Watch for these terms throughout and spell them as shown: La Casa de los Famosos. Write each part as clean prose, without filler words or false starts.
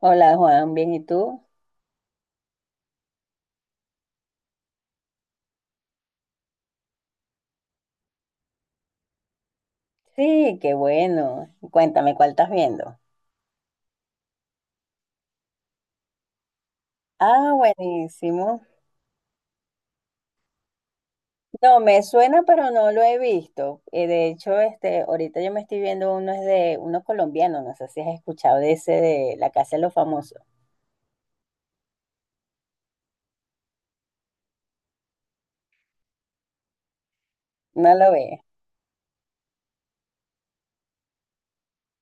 Hola Juan, bien, ¿y tú? Sí, qué bueno. Cuéntame, ¿cuál estás viendo? Ah, buenísimo. No, me suena, pero no lo he visto. De hecho, este, ahorita yo me estoy viendo uno es de uno colombiano, no sé si has escuchado de ese de La Casa de los Famosos. No lo ves.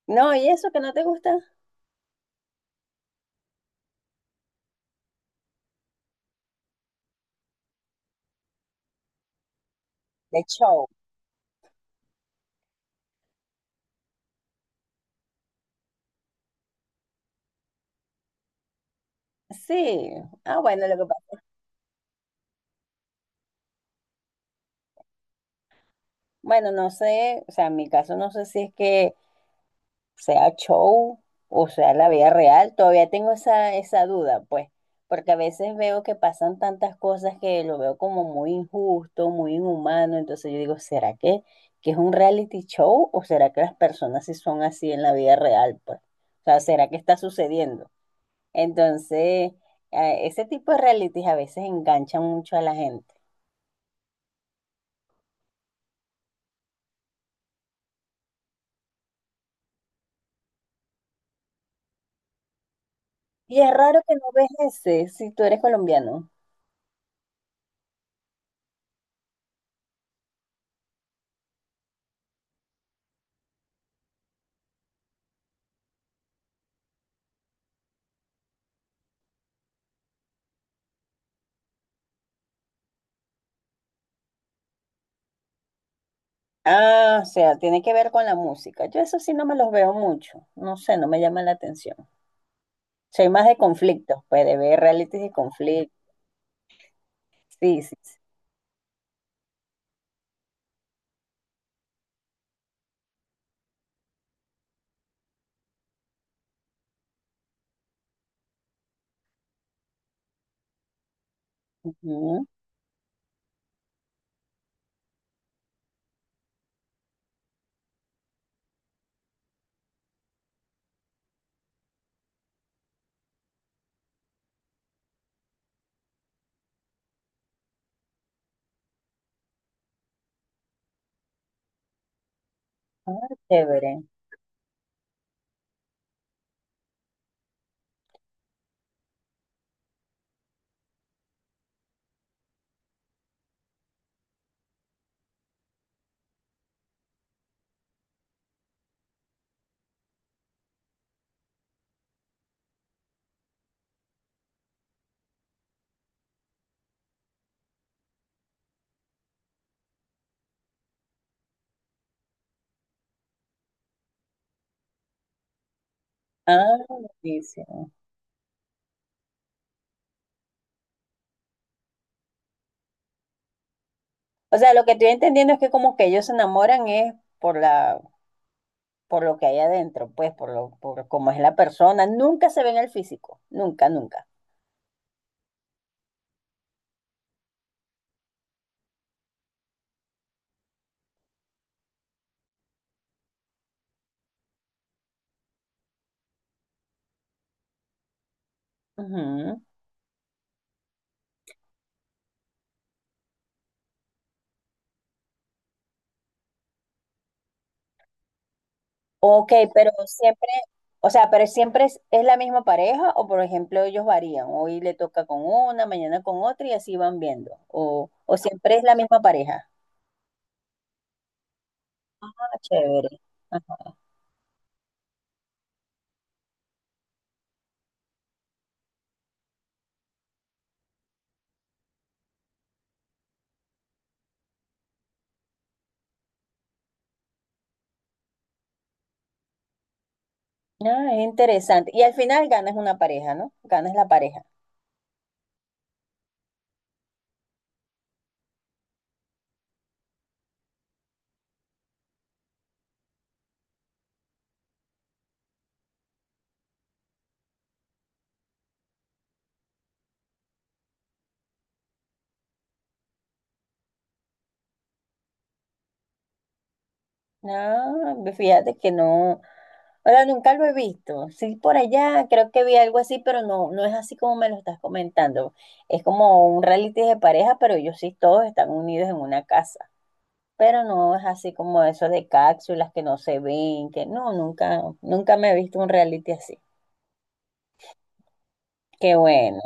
No, ¿y eso que no te gusta? De show. Sí. Ah, bueno, lo que pasa. Bueno, no sé, o sea, en mi caso no sé si es que sea show o sea la vida real, todavía tengo esa duda, pues, porque a veces veo que pasan tantas cosas que lo veo como muy injusto, muy inhumano, entonces yo digo, ¿que es un reality show o será que las personas sí son así en la vida real, pues? O sea, ¿será que está sucediendo? Entonces, ese tipo de realities a veces enganchan mucho a la gente. Y es raro que no ves ese si tú eres colombiano. Ah, o sea, tiene que ver con la música. Yo eso sí no me los veo mucho. No sé, no me llama la atención. Soy más de conflictos, pues de ver realities de conflictos. Sí, sí, sí. Ujú. Ah, chévere. Ah, buenísimo. O sea, lo que estoy entendiendo es que como que ellos se enamoran es por la, por lo que hay adentro, pues, por cómo es la persona. Nunca se ven el físico. Nunca, nunca. Ujú. Ok, o sea, pero siempre es la misma pareja o por ejemplo ellos varían, hoy le toca con una, mañana con otra y así van viendo, o siempre es la misma pareja. Ah, chévere. Ah, es interesante. Y al final ganas una pareja, ¿no? Ganas la pareja. Ah, fíjate que no. Ahora, nunca lo he visto. Sí, por allá creo que vi algo así, pero no, no es así como me lo estás comentando. Es como un reality de pareja, pero ellos sí todos están unidos en una casa. Pero no es así como eso de cápsulas que no se ven, que no, nunca, nunca me he visto un reality así. Qué bueno.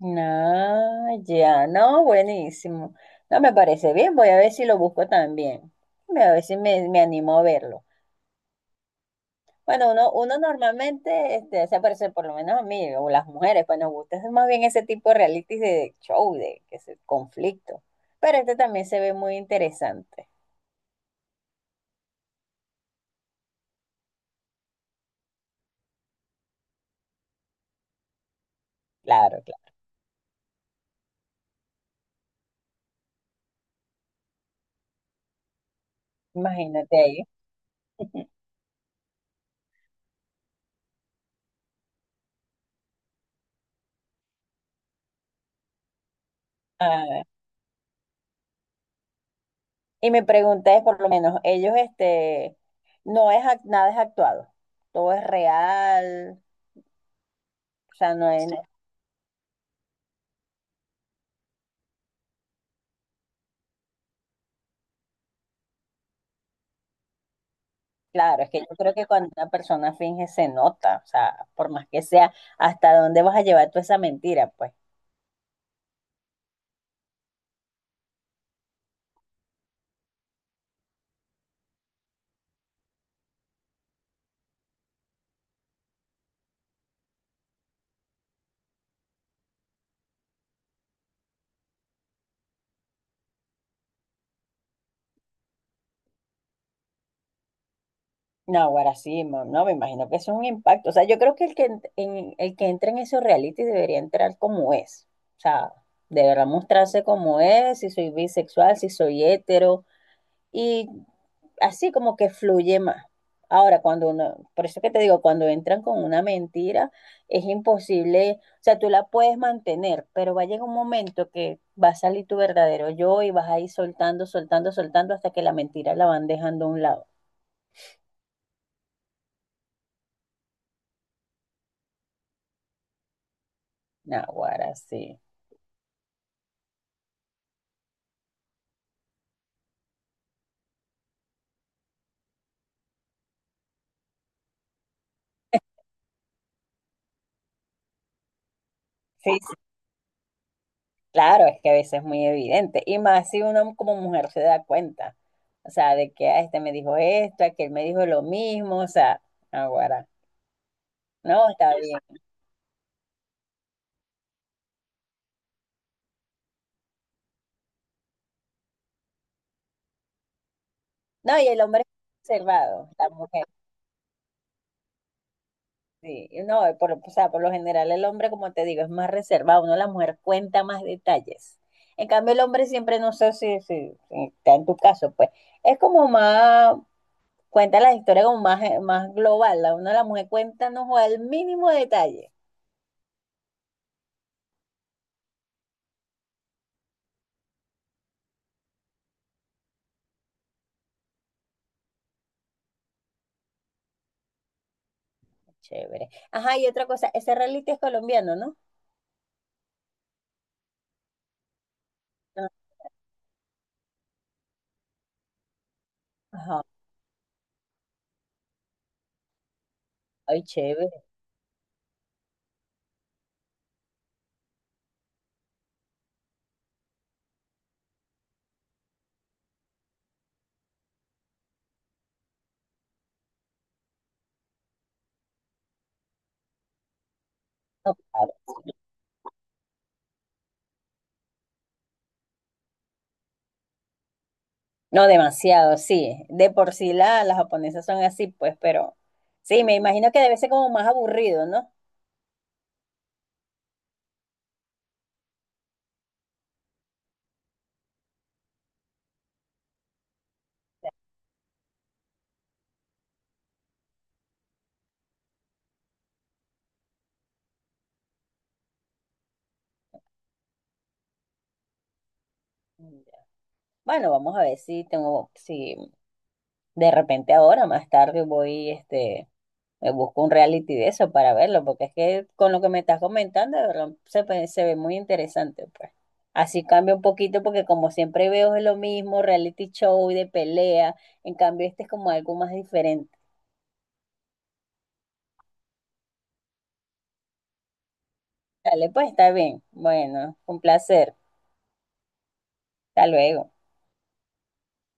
No, ya, no, buenísimo. No me parece bien, voy a ver si lo busco también. Voy a ver si me animo a verlo. Bueno, uno normalmente este, se aparece, por lo menos a mí, o las mujeres, pues nos gusta es más bien ese tipo de reality de show, de conflicto. Pero este también se ve muy interesante. Claro, claro. Imagínate ahí. Ah, y me pregunté, por lo menos, ellos, este, nada es actuado, todo es real, o sea, no es, claro, es que yo creo que cuando una persona finge se nota, o sea, por más que sea, ¿hasta dónde vas a llevar tú esa mentira? Pues, no, ahora sí, no, me imagino que eso es un impacto. O sea, yo creo que el que entra en esos reality debería entrar como es, o sea, deberá mostrarse como es, si soy bisexual, si soy hetero, y así como que fluye más. Ahora, cuando uno, por eso que te digo, cuando entran con una mentira, es imposible, o sea, tú la puedes mantener, pero va a llegar un momento que va a salir tu verdadero yo y vas a ir soltando, soltando, soltando hasta que la mentira la van dejando a un lado. Naguará, sí. Sí, sí, claro, es que a veces es muy evidente. Y más si uno como mujer se da cuenta, o sea, de que ah, este me dijo esto, aquel me dijo lo mismo, o sea, naguará. No, está bien. No, y el hombre es reservado, la mujer, sí. No, por, o sea, por lo general el hombre, como te digo, es más reservado, uno la mujer cuenta más detalles. En cambio, el hombre siempre, no sé si, si- si está en tu caso, pues, es como más, cuenta la historia como más, más global, la una la mujer cuenta, no juega el mínimo detalle. Chévere. Ajá, y otra cosa, ese reality es colombiano, ¿no? Ah, ajá, ay, chévere. No, no demasiado, sí. De por sí las japonesas son así, pues, pero sí, me imagino que debe ser como más aburrido, ¿no? Bueno, vamos a ver si tengo, si de repente ahora, más tarde voy, este, me busco un reality de eso para verlo, porque es que con lo que me estás comentando, de verdad, se ve muy interesante, pues. Así cambia un poquito, porque como siempre veo es lo mismo, reality show de pelea, en cambio este es como algo más diferente. Dale, pues está bien. Bueno, un placer. Hasta luego.